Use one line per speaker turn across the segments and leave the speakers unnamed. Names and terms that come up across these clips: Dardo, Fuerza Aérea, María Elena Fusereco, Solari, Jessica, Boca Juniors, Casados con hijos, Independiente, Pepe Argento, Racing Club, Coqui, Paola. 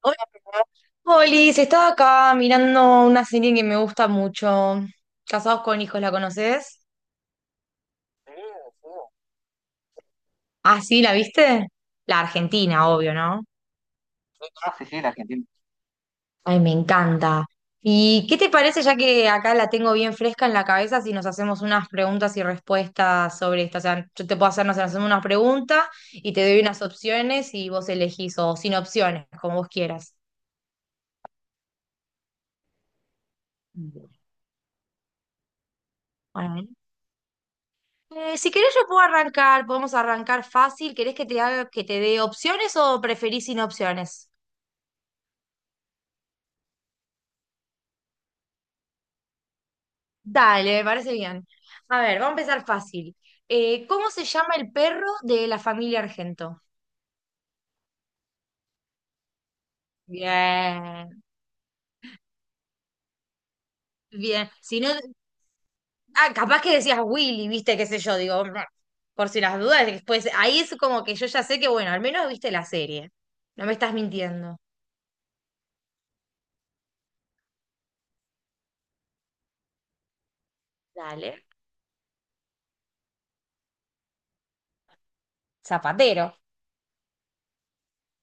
Hola, Polis, estaba acá mirando una serie que me gusta mucho. Casados con hijos, ¿la conoces? Ah, sí, ¿la viste? La Argentina, obvio, ¿no? Ay, me encanta. ¿Y qué te parece, ya que acá la tengo bien fresca en la cabeza, si nos hacemos unas preguntas y respuestas sobre esto? O sea, yo te puedo hacer, no sé, hacemos una pregunta y te doy unas opciones y vos elegís, o sin opciones, como vos quieras. Bueno, si querés yo puedo arrancar, podemos arrancar fácil. ¿Querés que te haga, que te dé opciones o preferís sin opciones? Dale, me parece bien. A ver, vamos a empezar fácil. ¿Cómo se llama el perro de la familia Argento? Bien, bien. Si no, ah, capaz que decías Willy, viste, qué sé yo, digo, por si las dudas, después ahí es como que yo ya sé que, bueno, al menos viste la serie. No me estás mintiendo. Dale. Zapatero.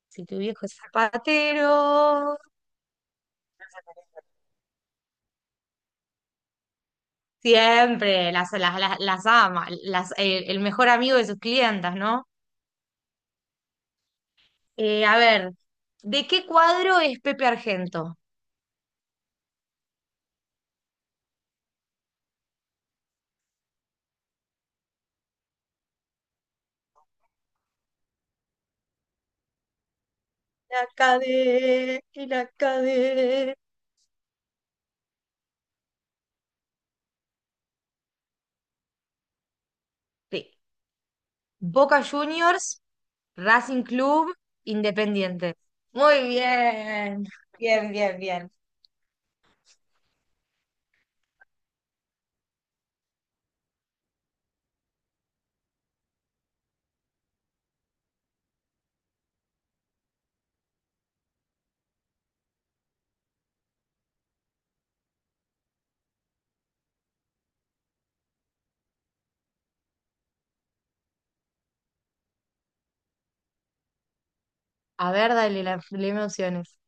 Si tu viejo es zapatero. Siempre, las ama, las, el mejor amigo de sus clientas, ¿no? A ver, ¿de qué cuadro es Pepe Argento? La cadena, y la cadena. De Boca Juniors, Racing Club, Independiente. Muy bien, bien. A ver, dale, la, dame opciones.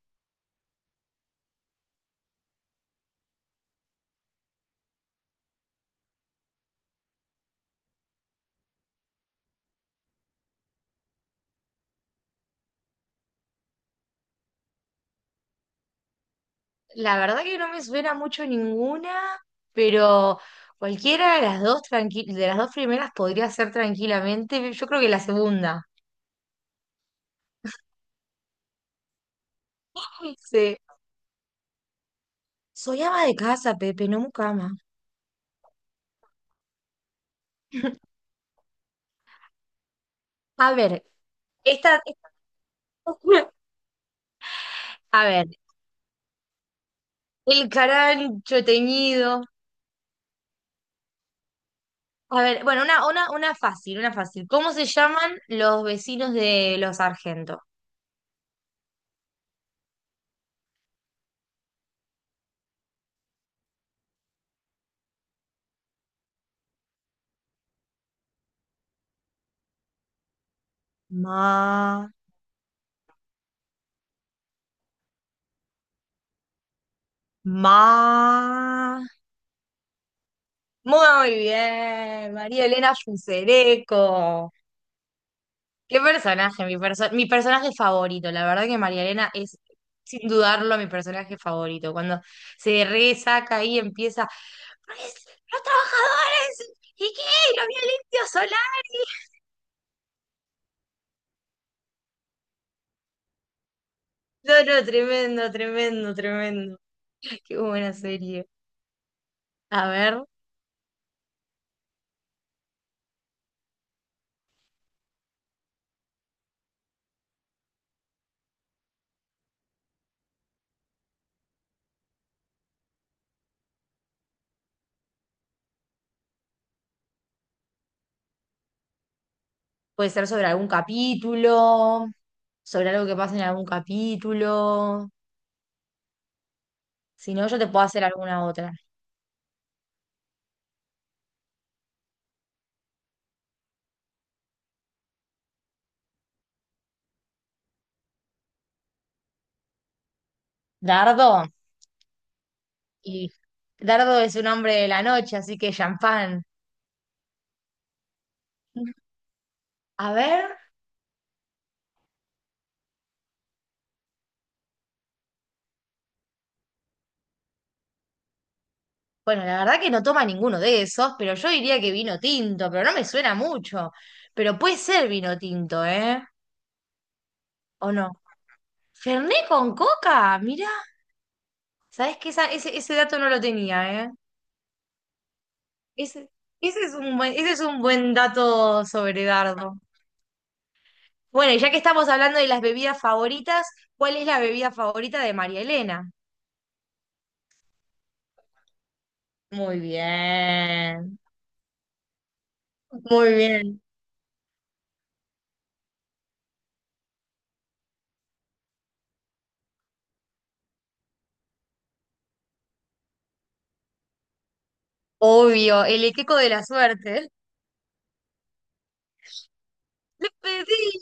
La verdad que no me suena mucho ninguna, pero cualquiera de las dos de las dos primeras podría ser tranquilamente. Yo creo que la segunda. Ay, sí. Soy ama de casa, Pepe, no mucama. A ver, esta, esta- a ver, el carancho teñido. A ver, bueno, una fácil, una fácil. ¿Cómo se llaman los vecinos de los Sargentos? Ma, ma. Muy bien, María Elena Fusereco. Qué personaje, mi personaje favorito. La verdad que María Elena es, sin dudarlo, mi personaje favorito. Cuando se resaca ahí empieza, "Pues, los trabajadores, ¿y qué? ¿Los violentos Solari? No, no, tremendo. Qué buena serie. A ver, puede ser sobre algún capítulo, sobre algo que pasa en algún capítulo. Si no, yo te puedo hacer alguna otra. Dardo. Y Dardo es un hombre de la noche, así que champán. A ver, bueno, la verdad que no toma ninguno de esos, pero yo diría que vino tinto, pero no me suena mucho. Pero puede ser vino tinto, ¿eh? ¿O no? Fernet con coca, mira. ¿Sabés que ese dato no lo tenía, ¿eh? Ese, ese es un buen, ese es un buen dato sobre Dardo. Bueno, y ya que estamos hablando de las bebidas favoritas, ¿cuál es la bebida favorita de María Elena? Muy bien, muy bien. Obvio, el equeco de la suerte. Le pedí,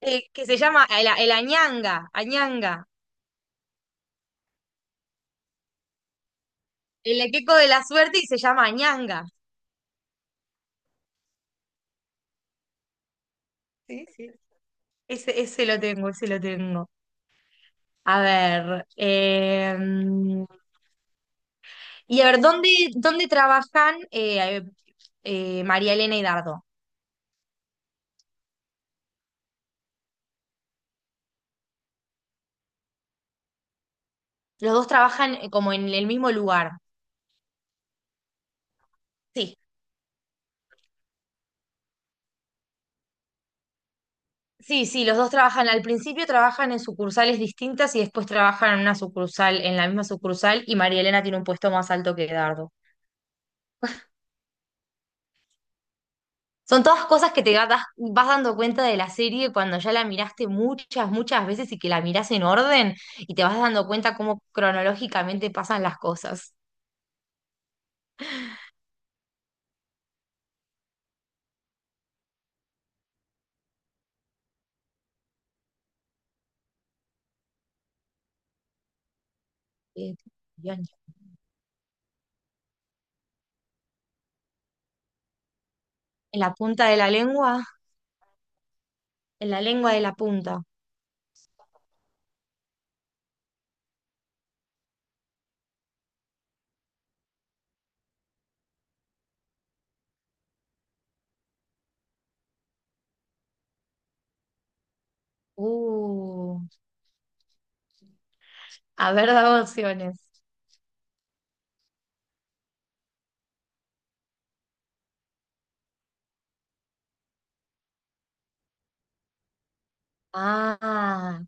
que se llama el añanga, añanga. El equeco de la suerte y se llama añanga. Ese lo tengo, ese lo tengo. A ver, eh, y a ver, ¿dónde trabajan María Elena y Dardo? Los dos trabajan como en el mismo lugar. Sí. Sí, sí, los dos trabajan, al principio trabajan en sucursales distintas y después trabajan en una sucursal, en la misma sucursal, y María Elena tiene un puesto más alto que Dardo. Son todas cosas que vas dando cuenta de la serie cuando ya la miraste muchas, muchas veces y que la mirás en orden y te vas dando cuenta cómo cronológicamente pasan las cosas. Eh, bien. En la punta de la lengua, en la lengua de la punta. Uh, a ver, dame opciones. Ah.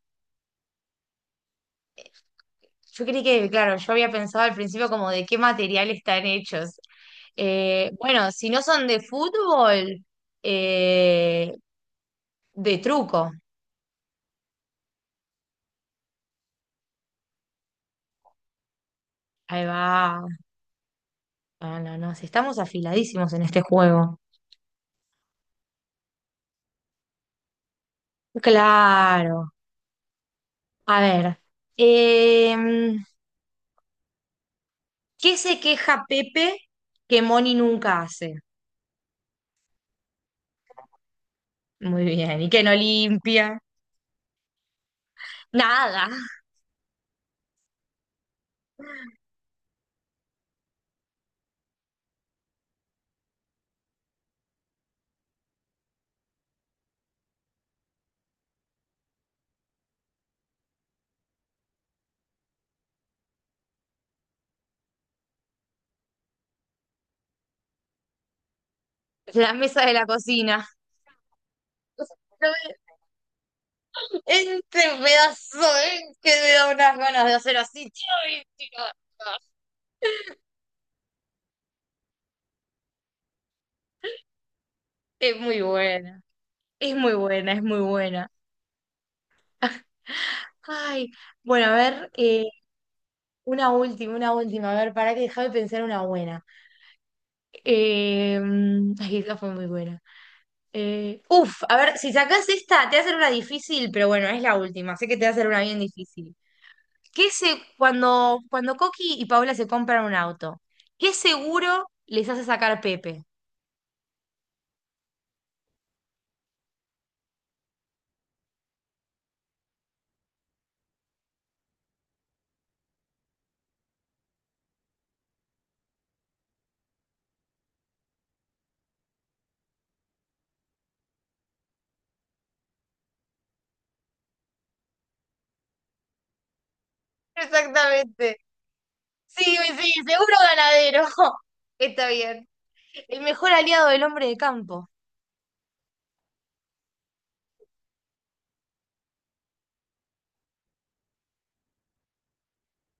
Yo creí que, claro, yo había pensado al principio como de qué material están hechos. Bueno, si no son de fútbol, eh, de truco. Ahí va. Ah, no, no, si estamos afiladísimos en este juego. Claro. A ver. em, ¿Qué se queja Pepe que Moni nunca hace? Muy bien. ¿Y que no limpia? Nada. La mesa de la cocina. Este pedazo, ¿eh? Que me da unas ganas de hacer así. Ay, tío. Tío. Es muy buena, es muy buena. Ay, bueno, a ver, una última, una última. A ver, para que déjame pensar una buena. Eh, ay, esta fue muy buena. Uf, a ver, si sacás esta, te va a hacer una difícil, pero bueno, es la última. Sé que te va a hacer una bien difícil. Cuando Coqui y Paola se compran un auto, ¿qué seguro les hace sacar Pepe? Exactamente. Sí, sí, seguro ganadero. Está bien. El mejor aliado del hombre de campo.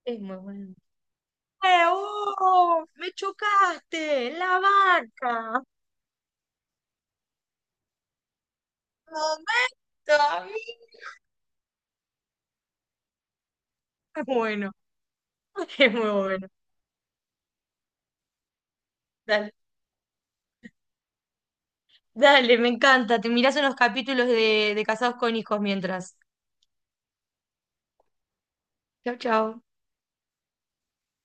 Es muy bueno. ¡Eh, oh! ¡Me chocaste! ¡La vaca! ¡Momento, amigo! Bueno, es muy bueno. Dale, dale, me encanta. Te mirás unos capítulos de Casados con Hijos mientras. Chau, chau.